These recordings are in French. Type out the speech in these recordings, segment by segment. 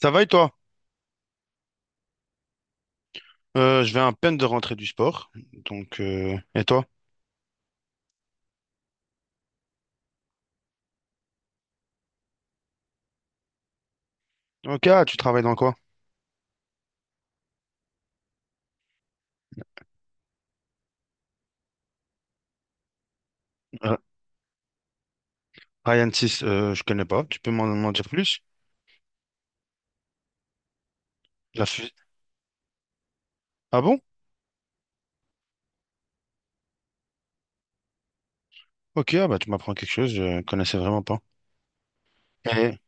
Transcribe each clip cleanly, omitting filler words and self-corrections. Ça va et toi? Je viens à peine de rentrer du sport. Donc, et toi? Ok, ah, tu travailles dans quoi? Euh, Ryan 6, je connais pas. Tu peux m'en dire plus? La fu- Ah bon? Ok, ah bah, tu m'apprends quelque chose, je connaissais vraiment pas. Et-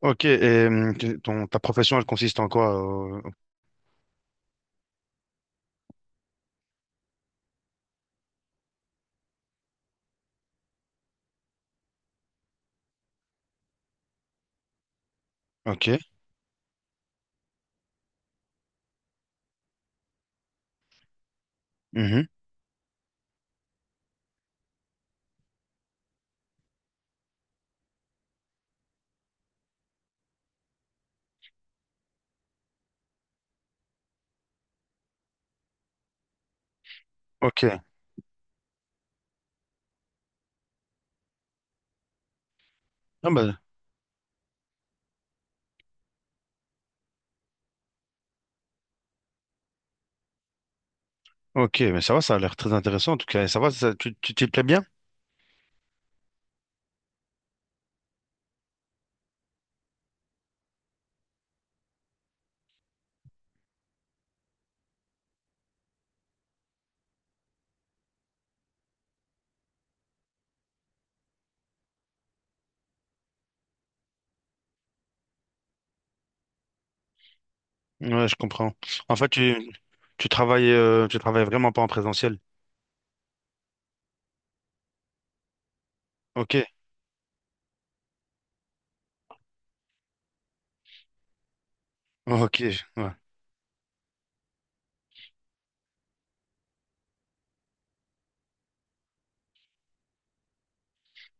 ok, et ta profession, elle consiste en quoi? Ok. Mhm. Ok. Ah bah, ok, mais ça va, ça a l'air très intéressant en tout cas. Et ça va, tu t'y plais bien? Ouais, je comprends. En fait, tu travailles vraiment pas en présentiel. Ok, ok, ouais.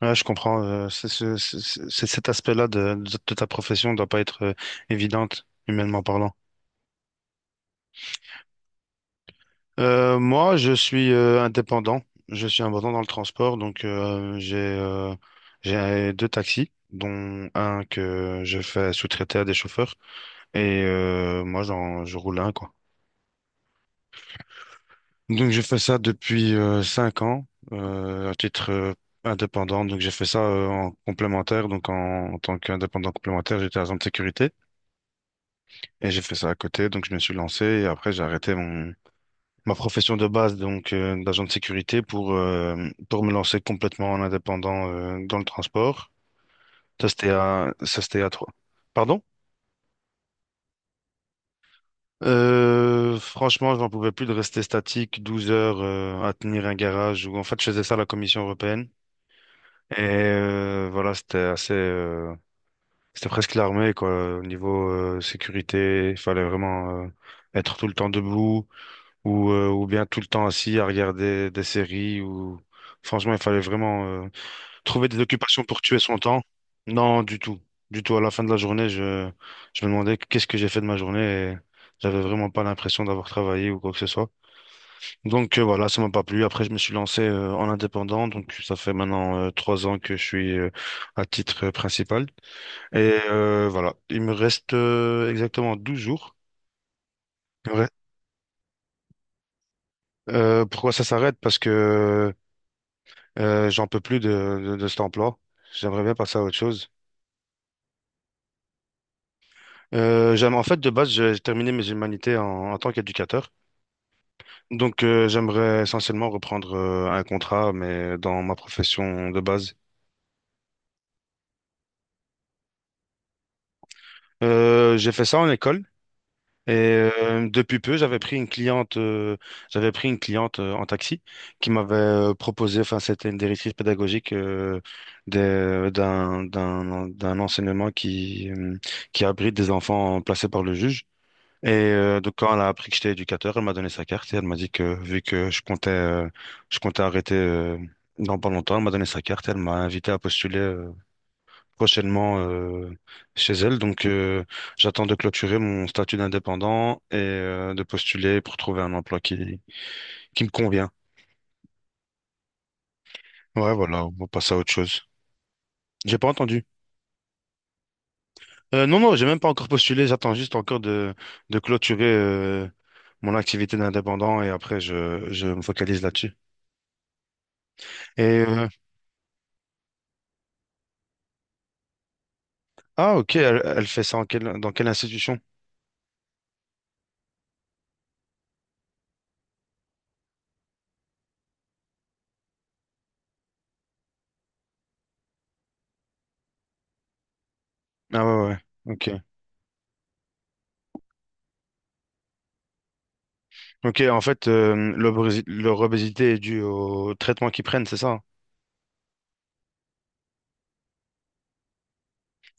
Ouais, je comprends. Cet aspect-là de ta profession doit pas être évidente, humainement parlant. Moi, je suis indépendant. Je suis indépendant dans le transport, donc j'ai deux taxis, dont un que je fais sous-traiter à des chauffeurs, et moi, je roule un, quoi. Donc, je fais ça depuis 5 ans, à titre indépendant. Donc, j'ai fait ça en complémentaire. Donc, en tant qu'indépendant complémentaire, j'étais agent de sécurité, et j'ai fait ça à côté. Donc, je me suis lancé, et après, j'ai arrêté mon ma profession de base, donc d'agent de sécurité, pour me lancer complètement en indépendant dans le transport. Ça, c'était à trois. Pardon? Franchement, je n'en pouvais plus de rester statique 12 heures à tenir un garage. Ou en fait, je faisais ça à la Commission européenne. Et voilà, c'était presque l'armée quoi. Au niveau sécurité, il fallait vraiment être tout le temps debout ou bien tout le temps assis à regarder des séries. Ou franchement, il fallait vraiment trouver des occupations pour tuer son temps? Non, du tout. Du tout. À la fin de la journée, je me demandais qu'est-ce que j'ai fait de ma journée, et j'avais vraiment pas l'impression d'avoir travaillé ou quoi que ce soit. Donc voilà, ça m'a pas plu. Après, je me suis lancé en indépendant. Donc ça fait maintenant 3 ans que je suis à titre principal. Et voilà, il me reste exactement 12 jours. Ouais. Pourquoi ça s'arrête? Parce que j'en peux plus de cet emploi. J'aimerais bien passer à autre chose. En fait, de base, j'ai terminé mes humanités en tant qu'éducateur. Donc, j'aimerais essentiellement reprendre un contrat, mais dans ma profession de base. J'ai fait ça en école, et depuis peu, j'avais pris une cliente en taxi qui m'avait proposé, enfin, c'était une directrice pédagogique d'un enseignement qui abrite des enfants placés par le juge. Et donc quand elle a appris que j'étais éducateur, elle m'a donné sa carte et elle m'a dit que vu que je comptais arrêter dans pas longtemps, elle m'a donné sa carte et elle m'a invité à postuler prochainement chez elle. Donc j'attends de clôturer mon statut d'indépendant et de postuler pour trouver un emploi qui me convient. Ouais, voilà, on va passer à autre chose. J'ai pas entendu. Non, non, j'ai même pas encore postulé. J'attends juste encore de clôturer mon activité d'indépendant, et après je me focalise là-dessus. Et euh, Ah, ok, elle fait ça dans quelle institution? Ah ouais, ouais, ouais, ok. Ok, en fait, leur obésité est due au traitement qu'ils prennent, c'est ça?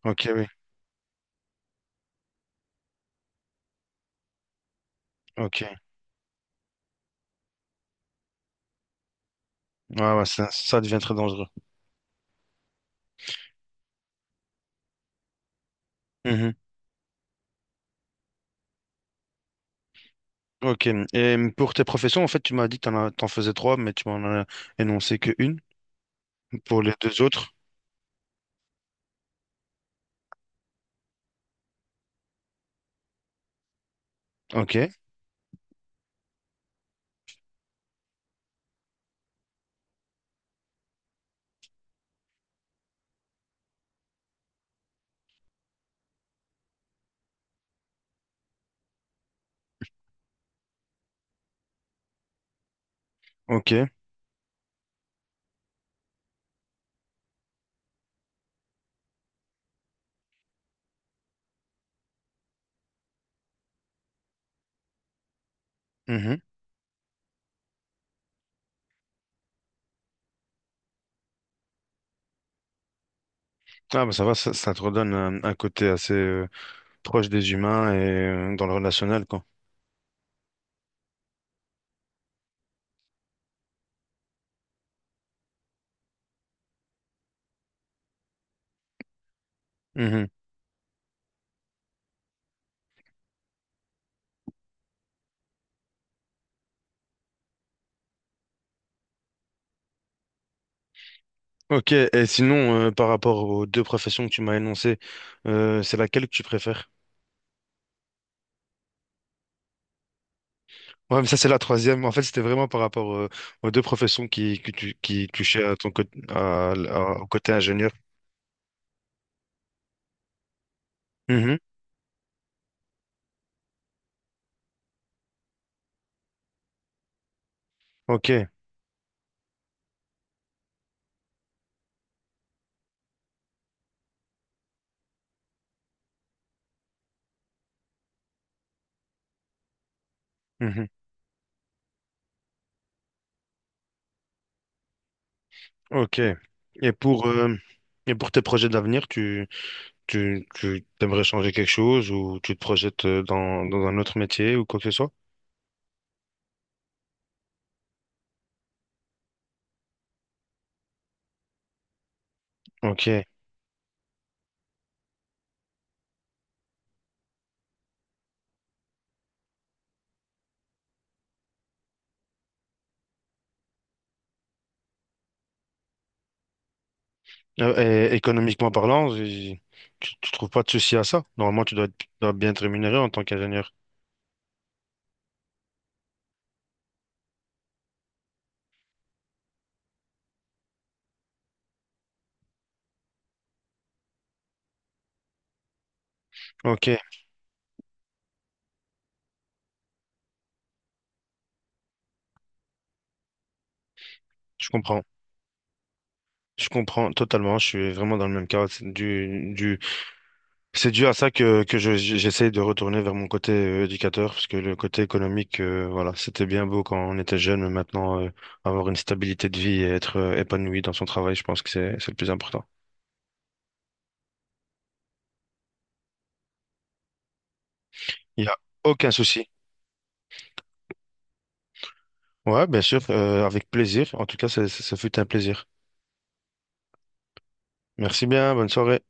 Ok, oui, ok. Ouais, ouais, ça devient très dangereux. Mhm. Ok, et pour tes professions, en fait, tu m'as dit que t'en faisais trois, mais tu m'en as énoncé que une pour les deux autres. Ok, ok. Mhm. Ah, bah ça va, ça te redonne un côté assez proche des humains, et dans le relationnel, quoi. Mhm. Ok, et sinon, par rapport aux deux professions que tu m'as énoncées, c'est laquelle que tu préfères? Ouais, mais ça, c'est la troisième. En fait, c'était vraiment par rapport aux deux professions qui touchaient à ton côté, au côté ingénieur. Mhm. Ok. Mhm. Ok. Et pour, euh, et pour tes projets d'avenir, tu aimerais changer quelque chose, ou tu te projettes dans un autre métier ou quoi que ce soit? Ok. Économiquement parlant, tu trouves pas de souci à ça? Normalement, tu dois bien être rémunéré en tant qu'ingénieur. Ok, je comprends. Je comprends totalement. Je suis vraiment dans le même cas. C'est dû à ça j'essaie de retourner vers mon côté éducateur, parce que le côté économique, voilà, c'était bien beau quand on était jeune, mais maintenant, avoir une stabilité de vie et être épanoui dans son travail, je pense que c'est le plus important. Il n'y a aucun souci. Ouais, bien sûr, avec plaisir. En tout cas, ça fut un plaisir. Merci bien, bonne soirée.